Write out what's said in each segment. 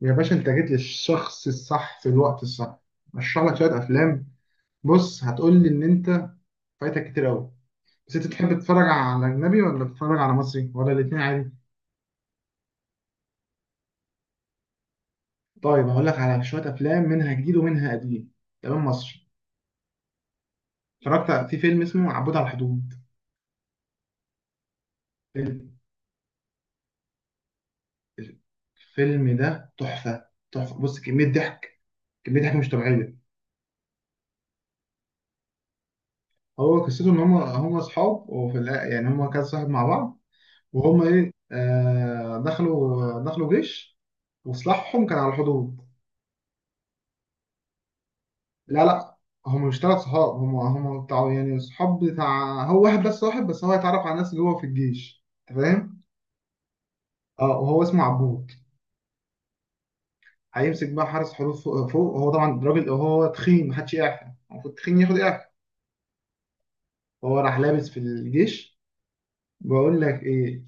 يا باشا انت جيت للشخص الصح في الوقت الصح. اشرح لك شويه افلام. بص هتقول لي ان انت فايتك كتير قوي. بس انت تحب تتفرج على اجنبي ولا تتفرج على مصري ولا الاثنين عادي؟ طيب هقول لك على شويه افلام منها جديد ومنها قديم. تمام، مصري. اتفرجت في فيلم اسمه عبود على الحدود. فيلم- الفيلم ده تحفه تحفه. بص كميه ضحك، كميه ضحك مش طبيعيه. هو قصته ان هم اصحاب، يعني هم كذا صاحب مع بعض. وهم ايه دخلوا، دخلوا جيش، وسلاحهم كان على الحدود. لا لا، هم مش ثلاث صحاب. هم بتاع يعني صحاب بتاع، هو واحد بس صاحب، بس هو هيتعرف على ناس جوه في الجيش. انت فاهم. اه، وهو اسمه عبود. هيمسك بقى حارس حدود فوق. هو طبعا راجل، هو تخين، محدش يعرف. المفروض تخين ياخد اعفاء. هو راح لابس في الجيش. بقول لك ايه،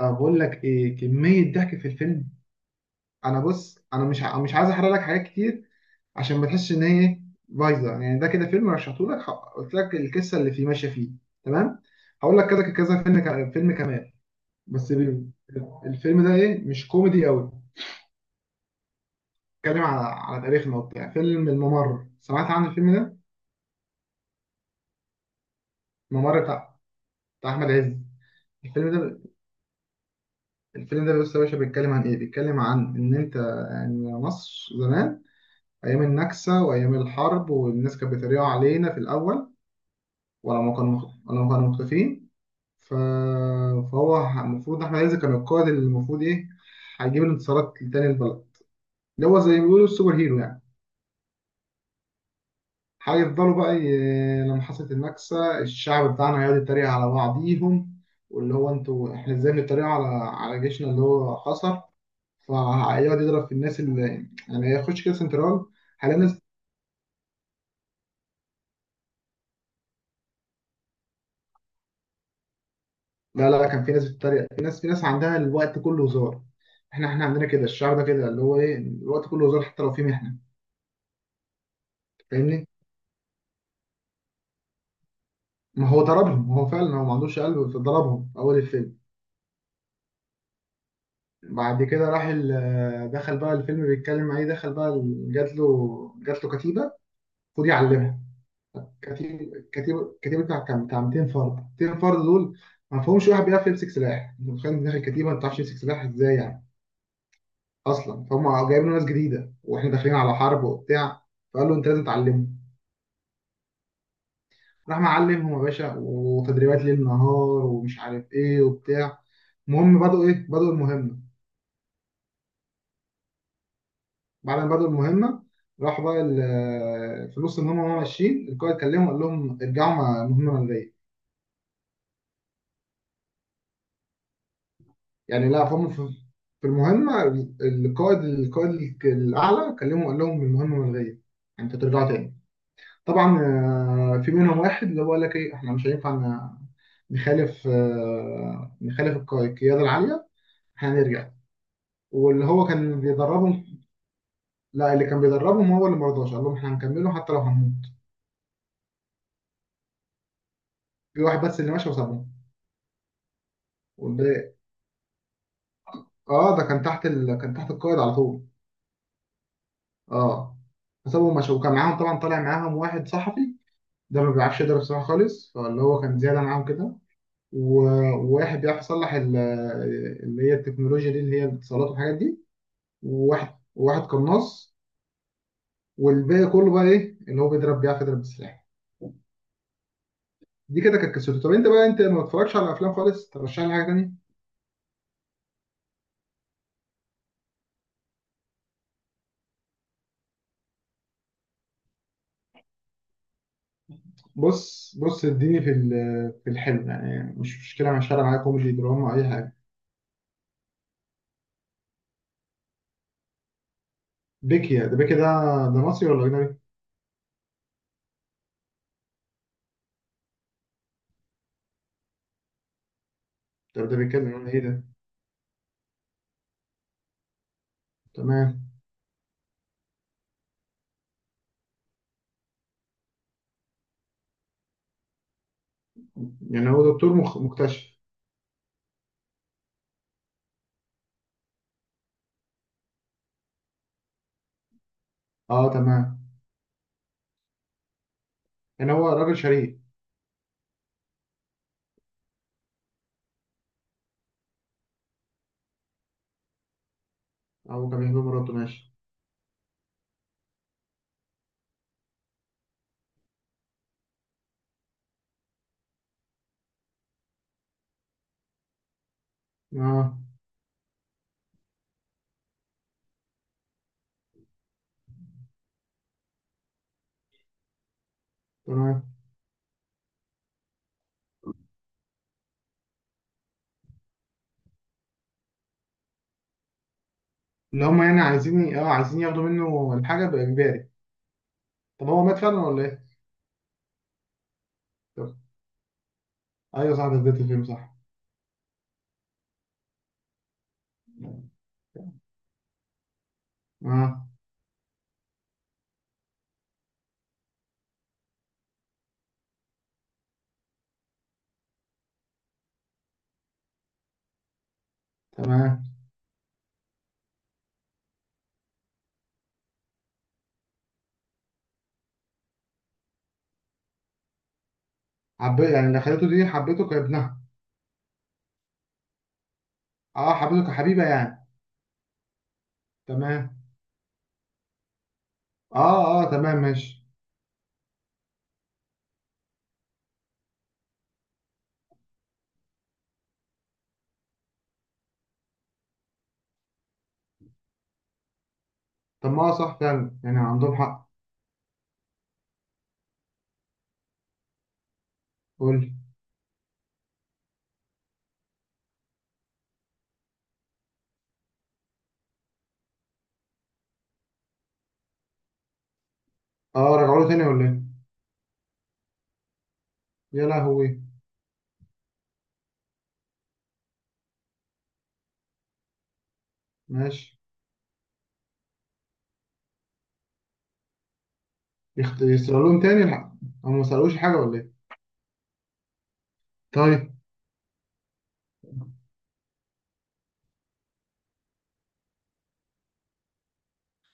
بقول لك ايه، كمية ضحك في الفيلم. انا بص انا مش عايز احرق لك حاجات كتير، عشان ما تحسش ان هي إيه؟ بايظه. يعني ده كده فيلم رشحته لك، قلت لك القصه اللي فيه ماشيه فيه. تمام. هقول لك كذا كذا فيلم كمان. بس بي- الفيلم ده ايه مش كوميدي قوي. بيتكلم على على تاريخنا وبتاع، فيلم الممر. سمعت عن الفيلم ده؟ الممر بتاع، بتاع احمد عز. الفيلم ده، الفيلم ده بص يا باشا بيتكلم عن ايه، بيتكلم عن ان انت يعني مصر زمان، ايام النكسه وايام الحرب، والناس كانت بتريقوا علينا في الاول. ولما كانوا، ولما كانوا مختفين، ف... فهو المفروض احمد عز كان القائد اللي المفروض ايه، هيجيب الانتصارات لتاني البلد، اللي هو زي ما بيقولوا السوبر هيرو يعني. هيفضلوا بقى لما حصلت النكسة، الشعب بتاعنا هيقعد يتريق على بعضيهم، واللي هو انتوا احنا ازاي بنتريق على على جيشنا اللي هو خسر. فهيقعد يضرب في الناس اللي، يعني يخش كده سنترال. هلاقي ناس، لا لا، كان في ناس بتتريق، في ناس، في ناس عندها الوقت كله هزار. احنا عندنا كده، الشعب ده كده اللي هو ايه الوقت كله هزار حتى لو في محنة. فاهمني. ما هو ضربهم، هو فعلا هو ما عندوش قلب، فضربهم اول الفيلم. بعد كده دخل بقى، الفيلم بيتكلم عليه، دخل بقى جات له، جات له كتيبه، خد يعلمها. كتيبه بتاع كام، بتاع 200 فرد، 200 فرد دول ما فيهمش واحد بيعرف يمسك سلاح. انت متخيل داخل كتيبه ما بتعرفش تمسك سلاح ازاي يعني؟ اصلا فهم جايبين له ناس جديده واحنا داخلين على حرب وبتاع. فقال له انت لازم تعلمه. راح معلمهم يا باشا، وتدريبات ليل نهار ومش عارف ايه وبتاع. المهم بدأوا ايه، بدأوا المهمه. بعد ما بدأوا المهمة، راحوا بقى في نص المهمة وهم ماشيين، القائد كلمهم قال لهم ارجعوا، مع مهمة منرية يعني. لا، فهم في، في المهمة، القائد، القائد الأعلى كلمهم قال لهم المهمة ملغية، يعني انتوا ترجعوا تاني. طبعا في منهم واحد اللي هو قال لك ايه، احنا مش هينفع نخالف، نخالف القيادة العالية، احنا هنرجع، واللي هو كان بيدربهم. لا، اللي كان بيدربهم هو اللي مرضاش، قال لهم احنا هنكمله حتى لو هنموت. في واحد بس اللي ماشي وسابهم، والباقي اه، ده كان تحت كان تحت القائد على طول. اه. فسابهم مشوا، وكان معاهم طبعا، طالع معاهم واحد صحفي، ده ما بيعرفش يضرب سلاح خالص، فاللي هو كان زياده معاهم كده. وواحد بيعرف يصلح اللي هي التكنولوجيا دي، اللي هي الاتصالات والحاجات دي. وواحد قناص، والباقي كله بقى ايه اللي هو بيضرب، بيعرف يضرب بالسلاح. دي كده كانت قصته. طب انت بقى، انت ما بتتفرجش على افلام خالص؟ ترشح لي حاجه تانيه. بص بص، اديني في الحلو يعني، مش مشكله، مع الشارع معايا، كوميدي دراما اي حاجه. بيكي ده، ده مصري ولا أجنبي؟ طب ده بيتكلم عن إيه ده؟ تمام. يعني هو دكتور مكتشف. أه تمام. يعني هو راجل شريف. أو كان بيحب مراته، ماشي. أه تمام. اللي هم يعني عايزين أه، عايزين ياخدوا منه الحاجة بإجباري. طب هو مات فعلا ولا إيه؟ طب أيوه صح، ده بداية الفيلم صح. اه تمام. حبيت يعني، اللي خليته دي حبيته كابنها؟ اه حبيته كحبيبه يعني. تمام. اه اه تمام ماشي. طب ما هو صح فعلا، يعني عندهم حق. قول لي. اه، رجعوا له تاني ولا ايه؟ يا لهوي. ماشي. يسرقلهم تاني الحق. هم ما سرقوش حاجة ولا ايه؟ طيب.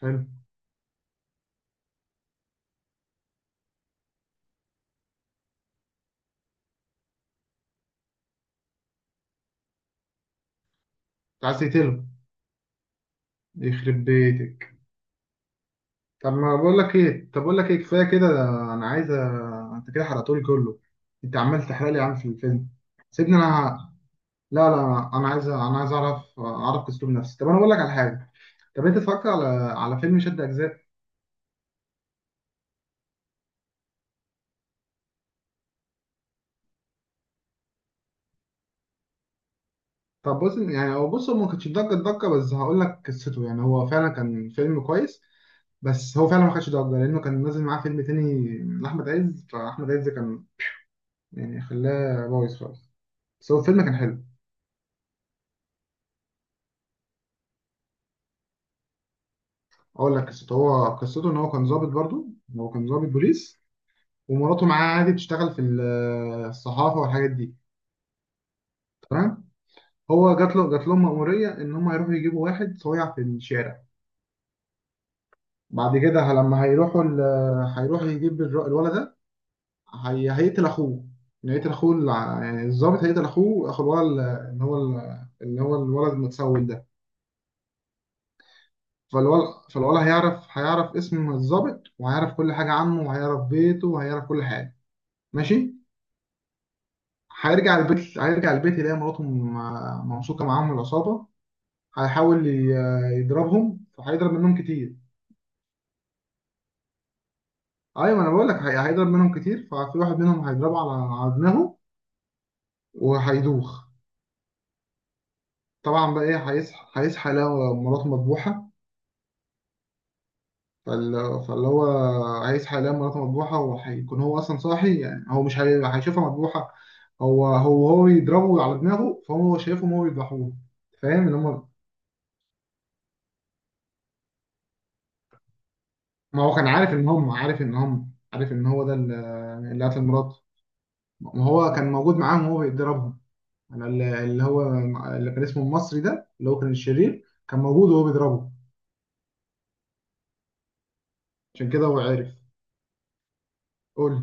حلو انت. عايز تقتله. يخرب بيتك. طب ما بقول لك ايه، طب بقول لك ايه كفاية كده، ده انا عايز انت كده حرقتولي كله. انت عمال تحرق لي يا عم في الفيلم. سيبني انا. لا لا، انا عايز، انا عايز اعرف، اعرف اسلوب نفسي. طب انا بقول لك على حاجة. طب انت اتفرجت على، على فيلم شد اجزاء؟ طب بص يعني هو بص، هو ما كانش ضجة ضجة، بس هقول لك قصته، يعني هو فعلا كان فيلم كويس. بس هو فعلا ما خدش ضجه لانه كان نازل معاه فيلم تاني لاحمد عز، فاحمد عز كان يعني خلاه بايظ خالص، بس هو الفيلم كان حلو. اقول لك قصته، هو قصته ان هو كان ضابط برضو، هو كان ضابط بوليس، ومراته معاه عادي بتشتغل في الصحافه والحاجات دي. تمام. هو جات له، جات لهم مأموريه ان هم يروحوا يجيبوا واحد صويع في الشارع. بعد كده لما هيروحوا يجيب الولد ده، هي هيقتل اخوه، يعني هيقتل اخوه يعني الظابط هيقتل اخوه، اخو الولد اللي هو الولد المتسول ده. فالولد هيعرف، هيعرف اسم الظابط، وهيعرف كل حاجة عنه، وهيعرف بيته، وهيعرف كل حاجة. ماشي. هيرجع البيت يلاقي مراته ممسوكة معاهم من العصابة. هيحاول ي- يضربهم فهيضرب منهم كتير. ايوه ما انا بقول لك، هيضرب منهم كتير، ففي واحد منهم هيضربه على على دماغه وهيدوخ. طبعا بقى ايه، هيصحى يلاقي مراته مذبوحة. فاللي هو عايز حاليا مراته مذبوحة، وهيكون هو أصلا صاحي، يعني هو مش هيشوفها مذبوحة. هو يضربه على دماغه، فهو شايفهم هو يذبحوه. فاهم إن هم، ما هو كان عارف إن هم، عارف إن هو ده اللي قتل مراته. ما هو كان موجود معاهم وهو بيضربهم. أنا ال- اللي هو اللي كان اسمه المصري ده، اللي هو كان الشرير، كان موجود وهو بيضربه. عشان كده هو عارف. قول لي.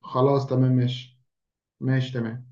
خلاص تمام ماشي. ماشي تمام.